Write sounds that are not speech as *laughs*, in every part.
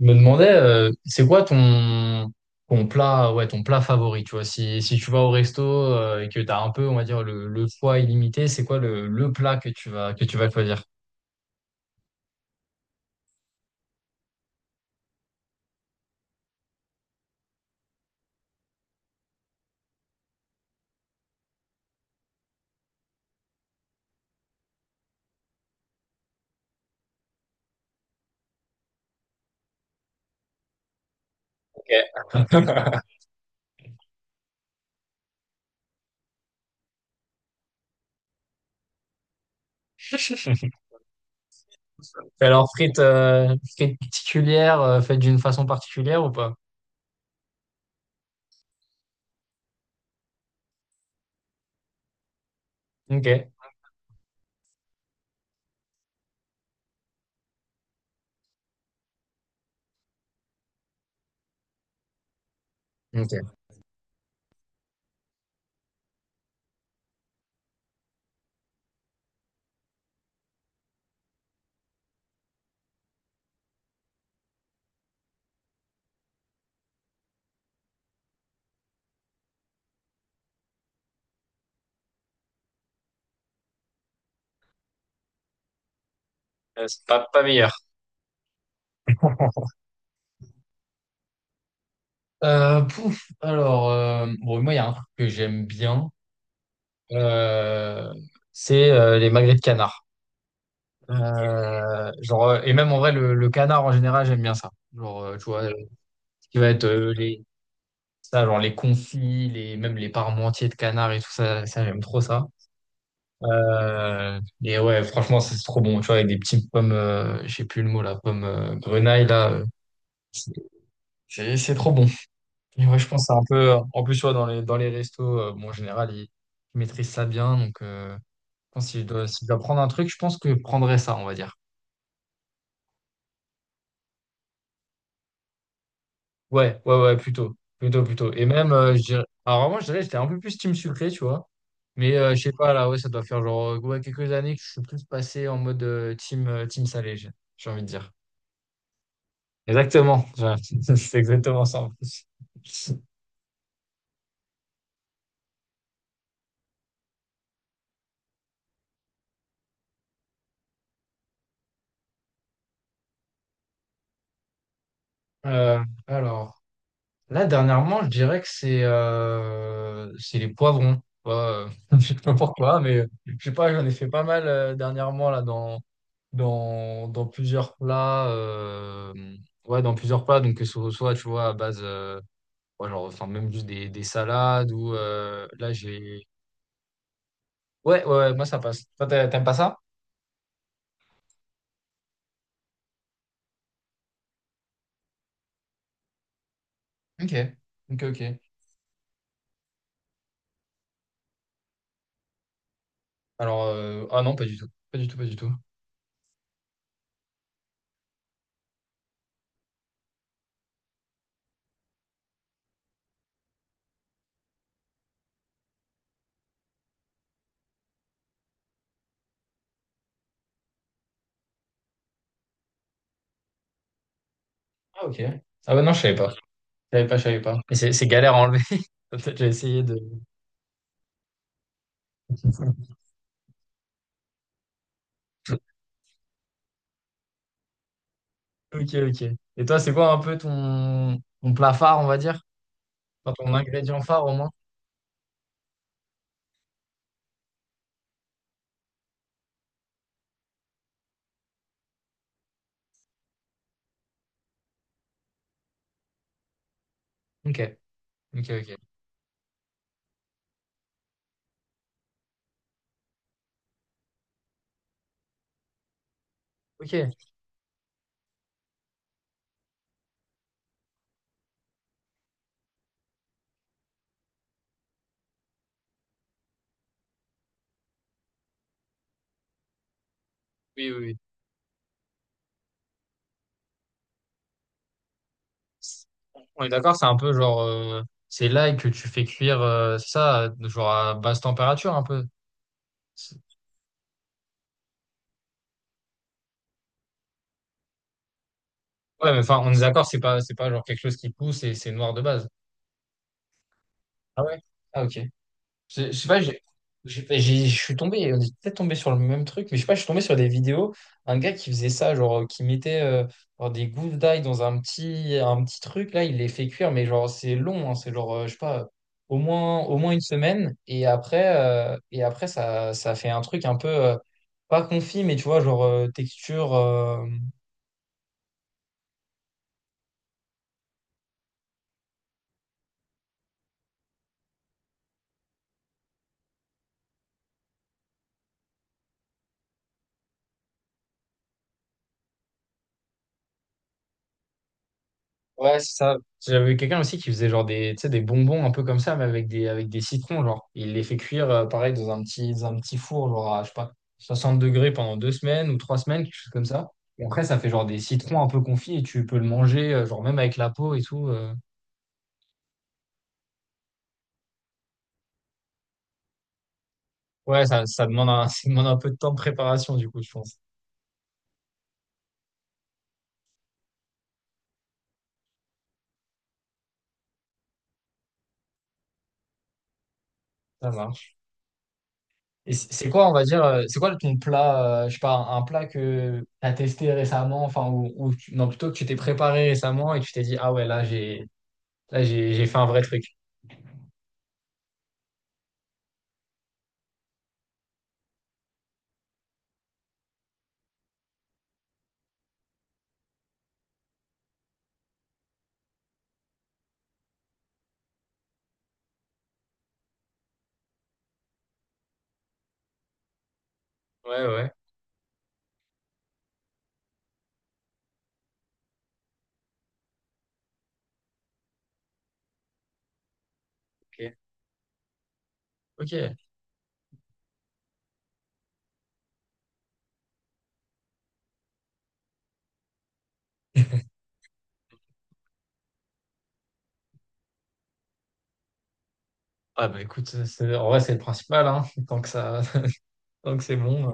Je me demandais, c'est quoi ton plat, ouais, ton plat favori, tu vois, si tu vas au resto et que tu as un peu, on va dire, le choix illimité, c'est quoi le plat que tu que tu vas choisir? Ok. *laughs* Alors, frites, frites particulières, faites d'une façon particulière ou pas? Ok. Ok. C'est pas meilleur. *laughs* Bon, moi, il y a un truc que j'aime bien, euh, c'est les magrets de canard. Genre, et même en vrai, le canard en général, j'aime bien ça. Genre, tu vois, ce qui va être les, ça, genre les confits, les, même les parmentiers de canard et tout ça, ça j'aime trop ça. Et ouais, franchement, c'est trop bon, tu vois, avec des petites pommes, je sais plus le mot, là pommes grenaille, c'est c'est trop bon. Et ouais, je pense que c'est un peu, en plus, tu vois, dans les restos, bon, en général, ils maîtrisent ça bien, donc je pense que si je si je dois prendre un truc, je pense que je prendrais ça, on va dire. Ouais, ouais, ouais, plutôt. Plutôt, plutôt. Et même, je dirais... Alors avant, je dirais que j'étais un peu plus team sucré, tu vois. Mais je sais pas, là, ouais, ça doit faire genre ouais, quelques années que je suis plus passé en mode team salé, j'ai envie de dire. Exactement. Ouais, *laughs* c'est exactement ça en plus. Alors. Là, dernièrement, je dirais que c'est les poivrons. Ouais, euh, *laughs* je sais pas pourquoi, mais je sais pas, j'en ai fait pas mal dernièrement là dans plusieurs plats. Ouais, dans plusieurs plats. Donc que ce soit, tu vois, à base, ouais, genre, enfin même juste des salades ou là j'ai. Ouais, ouais, ouais, moi ça passe. Toi, t'aimes pas ça? Ok, ok, ok. Alors, ah non, pas du tout, pas du tout, pas du tout. Ah ok. Ah bah non, je savais pas, je savais pas, je savais pas. Et c'est galère à enlever. *laughs* Peut-être j'ai essayé de. Ok, ok. Et toi, c'est quoi un peu ton, ton plat phare, on va dire? Enfin, ton ingrédient phare au moins? Ok, ok, ok. Ok, oui, oui, oui. C'est- On est d'accord, c'est un peu genre, c'est l'ail que tu fais cuire, c'est ça, genre à basse température un peu. C'est- Ouais, mais enfin, on est d'accord, c'est pas genre quelque chose qui pousse et c'est noir de base. Ah ouais? Ah ok. Je sais pas, je suis tombé, on est peut-être tombé sur le même truc, mais je sais pas, je suis tombé sur des vidéos, un gars qui faisait ça, genre, qui mettait genre des gousses d'ail dans un un petit truc, là, il les fait cuire, mais genre, c'est long, hein, c'est genre, je sais pas, au moins une semaine, et après ça, ça fait un truc un peu, pas confit, mais tu vois, genre, texture. Ouais, c'est ça. J'avais quelqu'un aussi qui faisait genre des, tu sais, des bonbons un peu comme ça, mais avec des citrons, genre. Il les fait cuire, pareil, dans un dans un petit four, genre à, je sais pas, 60 degrés pendant deux semaines ou trois semaines, quelque chose comme ça. Et après, ça fait genre des citrons un peu confits et tu peux le manger, genre même avec la peau et tout. Euh. Ouais, ça demande *laughs* ça demande un peu de temps de préparation, du coup, je pense. Ça marche. Et c'est quoi, on va dire, c'est quoi ton plat, je sais pas, un plat que t'as testé récemment, enfin, ou, non, plutôt que tu t'es préparé récemment et tu t'es dit, ah ouais, là, j'ai là, j'ai fait un vrai truc. Ouais, ouais, ok. Ok. Ah bah écoute, c'est- en vrai, c'est le principal, hein, *laughs* tant que ça, *laughs* tant que c'est bon.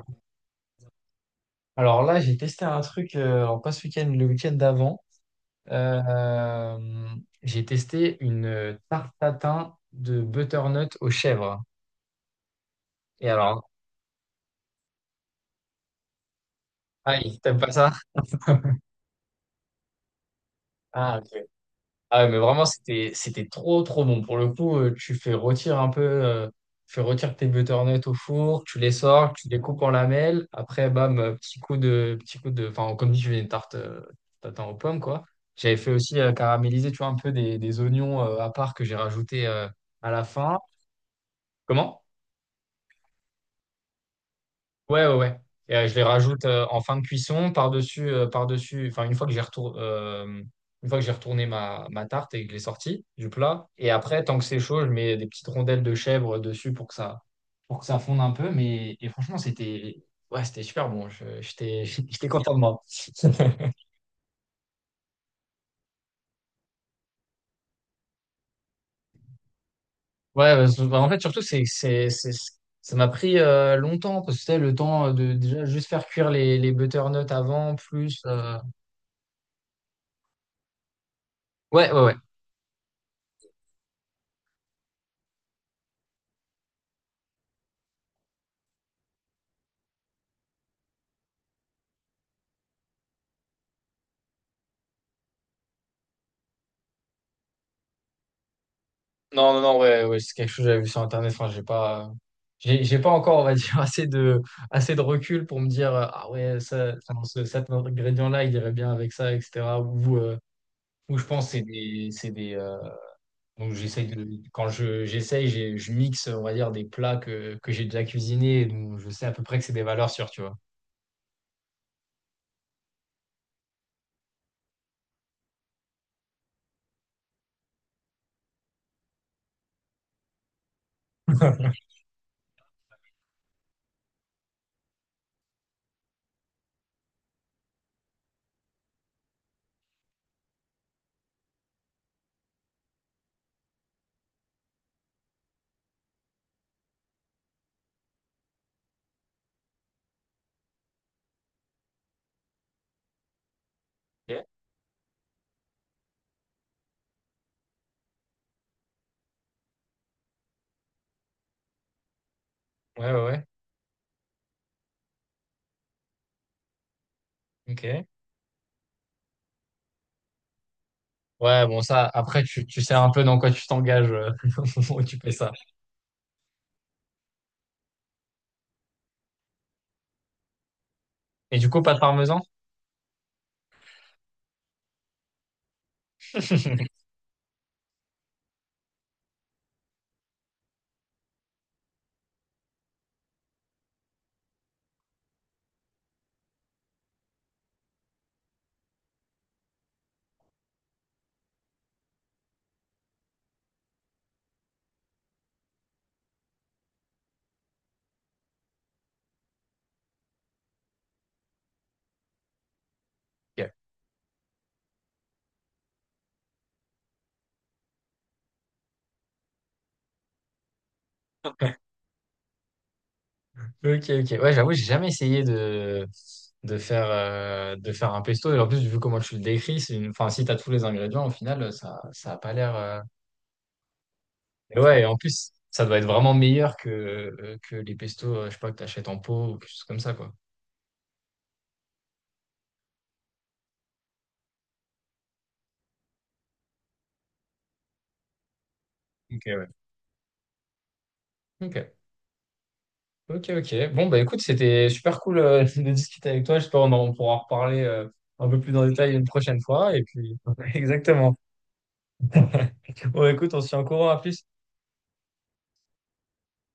Alors là, j'ai testé un truc, alors pas ce week-end, le week-end d'avant. Euh, j'ai testé une tarte tatin de butternut aux chèvres. Et alors, ah, t'aimes pas ça? Ah, ok. Ah ouais, mais vraiment, c'était trop, trop bon. Pour le coup, tu fais retirer un peu, tu fais retirer tes butternuts au four, tu les sors, tu les coupes en lamelles. Après, bam, petit coup petit coup de, enfin, comme dit, je fais une tarte, tatin aux pommes, quoi. J'avais fait aussi caraméliser, tu vois, un peu des oignons à part que j'ai rajouté à la fin. Comment? Ouais, ouais, ouais. Et, je les rajoute en fin de cuisson, par-dessus, par-dessus, enfin, une fois que j'ai retour, une fois que j'ai retourné ma, ma tarte et que je l'ai sortie du plat. Et après, tant que c'est chaud, je mets des petites rondelles de chèvre dessus pour que ça fonde un peu. Mais et franchement, c'était ouais, c'était super bon. J'étais *laughs* j'étais content de moi. *laughs* Ouais, parce que, bah, en fait, surtout, c'est, ça m'a pris longtemps, parce que c'était le temps de déjà juste faire cuire les butternuts avant, plus. Euh, ouais, ouais, ouais. Non, non, non, ouais, ouais, c'est quelque chose que j'avais vu sur Internet. Enfin, j'ai pas, j'ai pas encore, on va dire, *laughs* assez de recul pour me dire, ah ouais, ça, enfin, cet ingrédient-là, il irait bien avec ça, etc. Ou je pense, que c'est des, donc j'essaye de, quand je, je mixe, on va dire, des plats que j'ai déjà cuisinés, et donc je sais à peu près que c'est des valeurs sûres, tu vois. *laughs* Ok. Ouais, ouais, ouais. Ok. Ouais, bon, ça, après, tu sais un peu dans quoi tu t'engages *laughs* au moment où tu fais ça. Et du coup, pas de parmesan? *laughs* Ok. Ok, ok. Ouais, j'avoue, j'ai jamais essayé de faire un pesto. Et en plus, vu comment tu le décris, c'est une... enfin, si t'as tous les ingrédients, au final, ça a pas l'air. Euh, et ouais, et en plus, ça doit être vraiment meilleur que les pestos, je sais pas, que t'achètes en pot ou quelque chose comme ça, quoi. Ok, ouais. Ok, ok, ok. Bon, bah écoute, c'était super cool *laughs* de discuter avec toi. J'espère qu'on pourra en reparler un peu plus en détail une prochaine fois. Et puis, *laughs* exactement. Bon, écoute, on se tient au courant. À plus.